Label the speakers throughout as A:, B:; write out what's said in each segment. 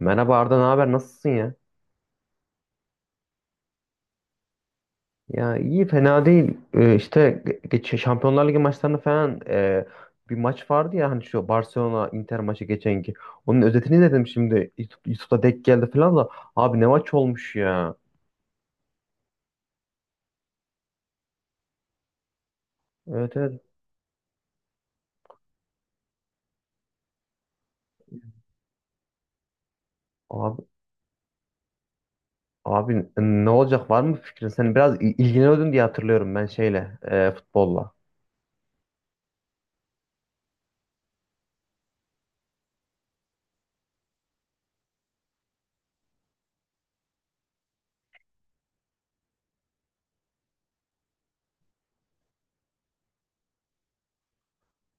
A: Merhaba Arda, ne haber? Nasılsın ya? Ya iyi, fena değil. İşte geç Şampiyonlar Ligi maçlarını falan bir maç vardı ya hani şu Barcelona Inter maçı geçenki. Onun özetini dedim şimdi. YouTube'da denk geldi falan da. Abi ne maç olmuş ya. Evet, evet. Abi, abi ne olacak, var mı fikrin? Sen biraz ilgileniyordun diye hatırlıyorum ben şeyle futbolla.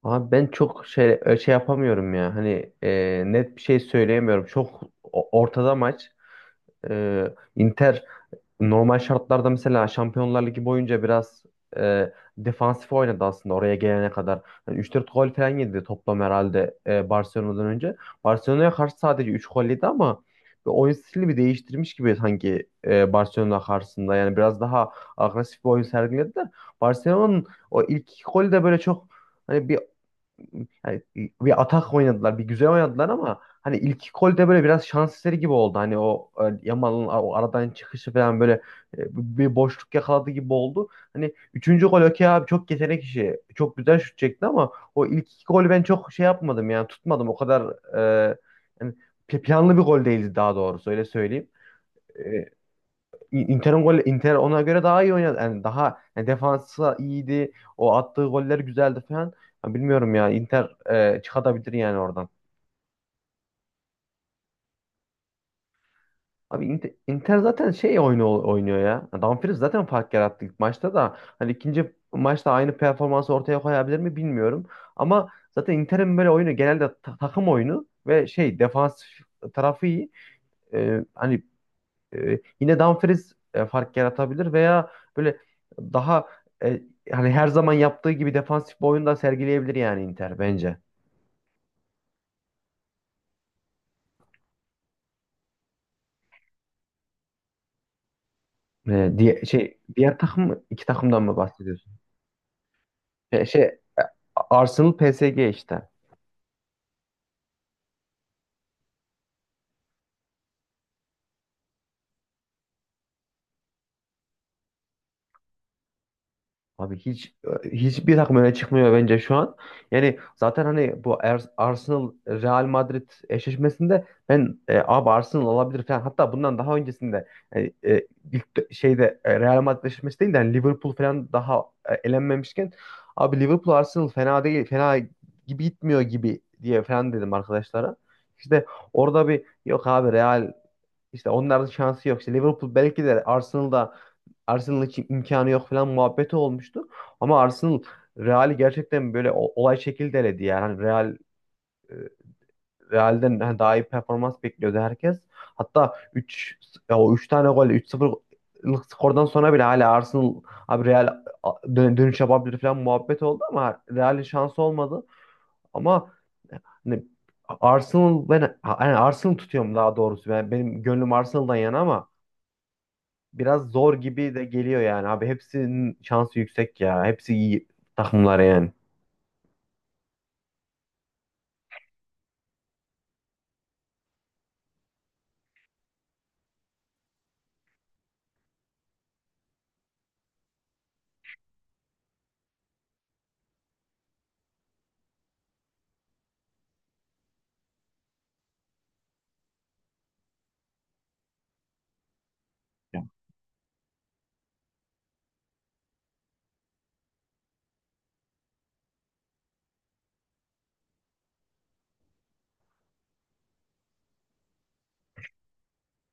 A: Abi ben çok şey yapamıyorum ya. Hani net bir şey söyleyemiyorum. Çok ortada maç. Inter normal şartlarda mesela Şampiyonlar Ligi boyunca biraz e, defansif oynadı aslında oraya gelene kadar. Yani 3-4 gol falan yedi toplam herhalde Barcelona'dan önce. Barcelona'ya karşı sadece 3 gol yedi ama bir oyun stilini bir değiştirmiş gibi sanki Barcelona karşısında. Yani biraz daha agresif bir oyun sergilediler. Barcelona'nın o ilk iki golü de böyle çok hani bir yani bir atak oynadılar, bir güzel oynadılar ama hani ilk golde böyle biraz şans eseri gibi oldu. Hani o Yamal'ın o aradan çıkışı falan böyle bir boşluk yakaladı gibi oldu. Hani üçüncü gol okey abi çok yetenek işi. Çok güzel şut çekti ama o ilk iki golü ben çok şey yapmadım yani tutmadım. O kadar e, yani planlı bir gol değildi daha doğrusu öyle söyleyeyim. E, Inter ona göre daha iyi oynadı. Yani daha yani defansı iyiydi. O attığı goller güzeldi falan. Ya bilmiyorum ya Inter çıkartabilir yani oradan. Abi Inter zaten şey oyunu oynuyor ya. Yani Dumfries zaten fark yarattı ilk maçta da. Hani ikinci maçta aynı performansı ortaya koyabilir mi bilmiyorum. Ama zaten Inter'in böyle oyunu genelde takım oyunu ve şey defans tarafı iyi. E, hani yine Dumfries fark yaratabilir veya böyle daha e, hani her zaman yaptığı gibi defansif bir oyun da sergileyebilir yani Inter bence. E, diye, şey diğer iki takımdan mı bahsediyorsun? E, şey Arsenal PSG işte. Abi hiçbir takım öne çıkmıyor bence şu an. Yani zaten hani bu Arsenal Real Madrid eşleşmesinde ben abi Arsenal alabilir falan. Hatta bundan daha öncesinde yani, ilk şeyde Real Madrid eşleşmesi değil de hani Liverpool falan daha elenmemişken abi Liverpool Arsenal fena değil fena gibi gitmiyor gibi diye falan dedim arkadaşlara. İşte orada bir yok abi Real işte onların şansı yok. İşte Liverpool belki de Arsenal'da Arsenal için imkanı yok falan muhabbeti olmuştu. Ama Arsenal Real'i gerçekten böyle olay şekilde eledi yani. Hani e, Real'den hani daha iyi performans bekliyordu herkes. Hatta 3 o üç tane gol üç 0lık skordan sonra bile hala Arsenal abi Real dönüş yapabilir falan muhabbet oldu ama Real'in şansı olmadı. Ama hani Arsenal ben Arsenal tutuyorum daha doğrusu. Benim gönlüm Arsenal'dan yana ama biraz zor gibi de geliyor yani abi. Hepsinin şansı yüksek ya. Hepsi iyi takımlar yani.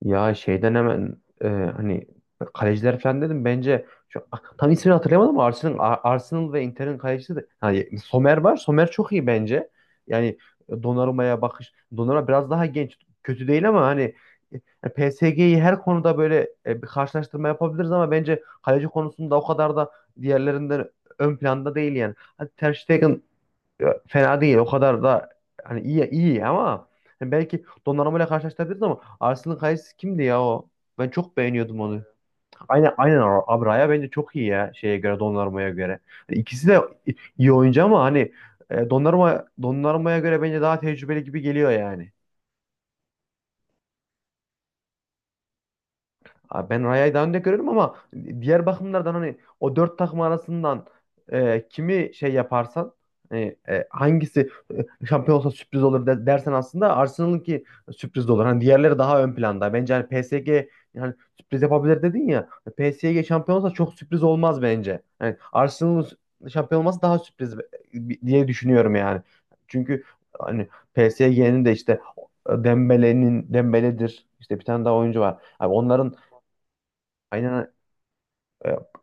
A: Ya şeyden hemen hani kaleciler falan dedim bence şu, tam ismini hatırlayamadım ama Arsenal, Arsenal ve Inter'in kalecisi de hani Somer var. Somer çok iyi bence. Yani Donnarumma'ya bakış. Donnarumma biraz daha genç. Kötü değil ama hani PSG'yi her konuda böyle bir karşılaştırma yapabiliriz ama bence kaleci konusunda o kadar da diğerlerinden ön planda değil yani. Hadi Ter Stegen, ya, fena değil. O kadar da hani iyi iyi ama hani belki Donnarumma ile karşılaştırabiliriz ama Arsenal'ın kalecisi kimdi ya o? Ben çok beğeniyordum onu. Aynen, aynen. Abraya bence çok iyi ya şeye göre Donnarumma'ya göre. Hani İkisi de iyi oyuncu ama hani Donnarumma'ya göre bence daha tecrübeli gibi geliyor yani. Abi ben Raya'yı daha önde görüyorum ama diğer bakımlardan hani o dört takım arasından kimi şey yaparsan hani, hangisi şampiyon olsa sürpriz olur dersen aslında Arsenal'ınki sürpriz de olur. Hani diğerleri daha ön planda. Bence hani PSG yani sürpriz yapabilir dedin ya. PSG şampiyon olsa çok sürpriz olmaz bence. Yani Arsenal'ın şampiyon olması daha sürpriz diye düşünüyorum yani. Çünkü hani PSG'nin de işte Dembele'dir. İşte bir tane daha oyuncu var. Abi onların... Aynen,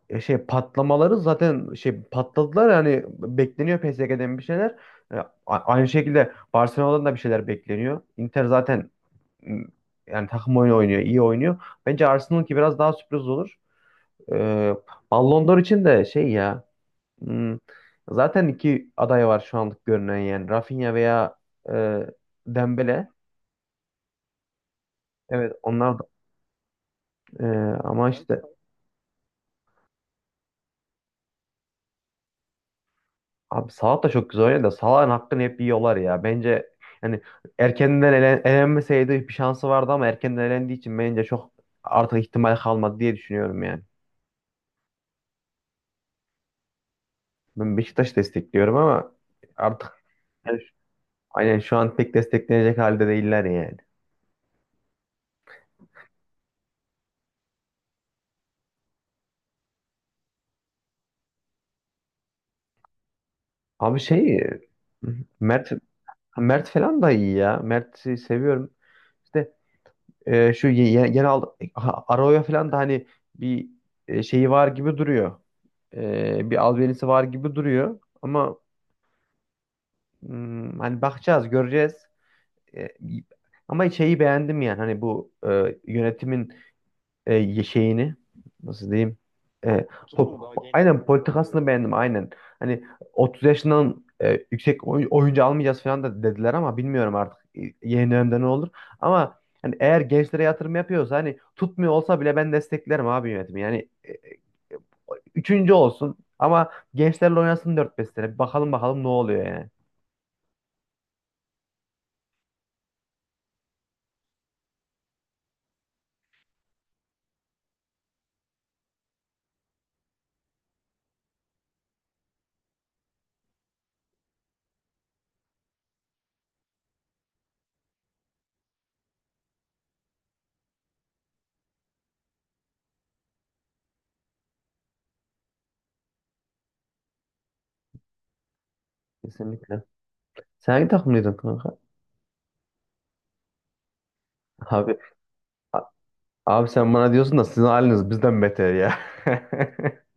A: şey patlamaları zaten şey patladılar yani bekleniyor PSG'den bir şeyler. Aynı şekilde Barcelona'dan da bir şeyler bekleniyor. Inter zaten m, yani takım oyunu oynuyor, iyi oynuyor. Bence Arsenal'ınki biraz daha sürpriz olur. E, Ballon d'Or için de şey ya hmm, zaten iki aday var şu anlık görünen yani Rafinha veya e, Dembele. Evet onlar e, ama evet. işte Abi Salah da çok güzel oynadı da Salah'ın hakkını hep yiyorlar ya. Bence yani erkenden elen, elenmeseydi bir şansı vardı ama erkenden elendiği için bence çok artık ihtimal kalmadı diye düşünüyorum yani. Ben Beşiktaş destekliyorum ama artık yani aynen şu an pek desteklenecek halde değiller yani. Abi şey. Mert Mert falan da iyi ya. Mert'i seviyorum. İşte şu genel, ha, Arroyo falan da hani bir şeyi var gibi duruyor. Bir albenisi var gibi duruyor. Ama hani bakacağız, göreceğiz. E, ama şeyi beğendim yani hani bu yönetimin e, şeyini nasıl diyeyim e, pop, aynen politikasını beğendim aynen. Hani 30 yaşından yüksek oyuncu almayacağız falan da dediler ama bilmiyorum artık yeni dönemde ne olur. Ama hani eğer gençlere yatırım yapıyorsa hani tutmuyor olsa bile ben desteklerim abi yönetimi. Yani üçüncü olsun ama gençlerle oynasın dört 5 sene. Bakalım, bakalım ne oluyor yani. Kesinlikle. Sen hangi takımlıydın kanka? Abi, abi sen bana diyorsun da sizin haliniz bizden beter ya.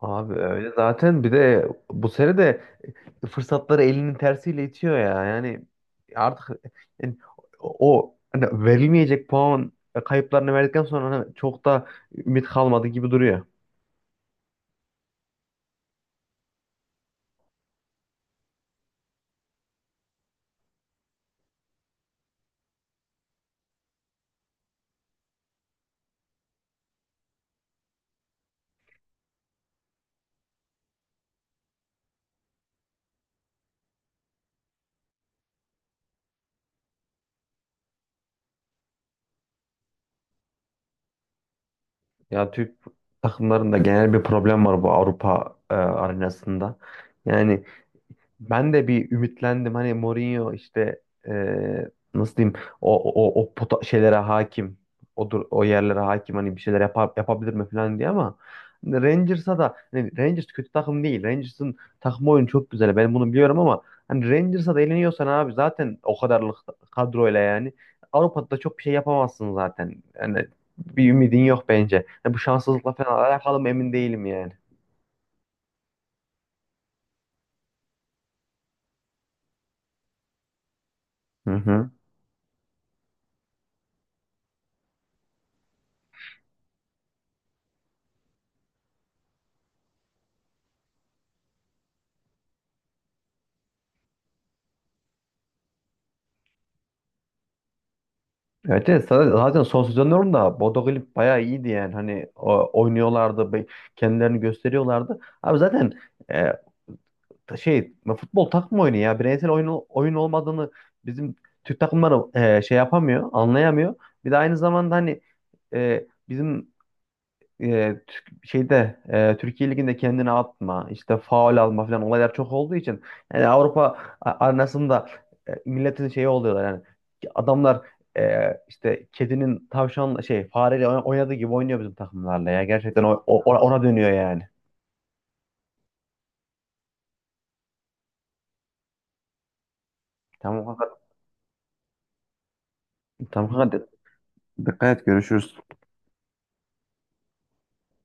A: Abi öyle zaten bir de bu sene de fırsatları elinin tersiyle itiyor ya. Yani artık yani o hani verilmeyecek puan kayıplarını verdikten sonra hani çok da ümit kalmadı gibi duruyor. Ya Türk takımlarında genel bir problem var bu Avrupa arenasında. Yani ben de bir ümitlendim. Hani Mourinho işte eee, nasıl diyeyim o şeylere hakim. O dur o yerlere hakim hani bir şeyler yapar, yapabilir mi falan diye ama hani Rangers'a da hani Rangers kötü takım değil. Rangers'ın takım oyunu çok güzel. Ben bunu biliyorum ama hani Rangers'a da eğleniyorsan abi zaten o kadarlık kadroyla yani Avrupa'da da çok bir şey yapamazsın zaten. Yani bir ümidin yok bence. Yani bu şanssızlıkla falan alakalı mı emin değilim yani. Hı hı. Evet, evet zaten son sezonların da Bodo Glimt bayağı iyiydi yani hani oynuyorlardı, kendilerini gösteriyorlardı. Abi zaten e, ta- şey futbol takım oyunu ya bireysel oyun olmadığını bizim Türk takımları şey yapamıyor anlayamıyor. Bir de aynı zamanda hani bizim Türkiye Ligi'nde kendini atma, işte faul alma falan olaylar çok olduğu için yani Avrupa arenasında milletin şeyi oluyorlar yani adamlar işte kedinin tavşan şey fareyle oynadığı gibi oynuyor bizim takımlarla ya gerçekten ona dönüyor yani. Tamam kanka, tamam kanka, dikkat et görüşürüz.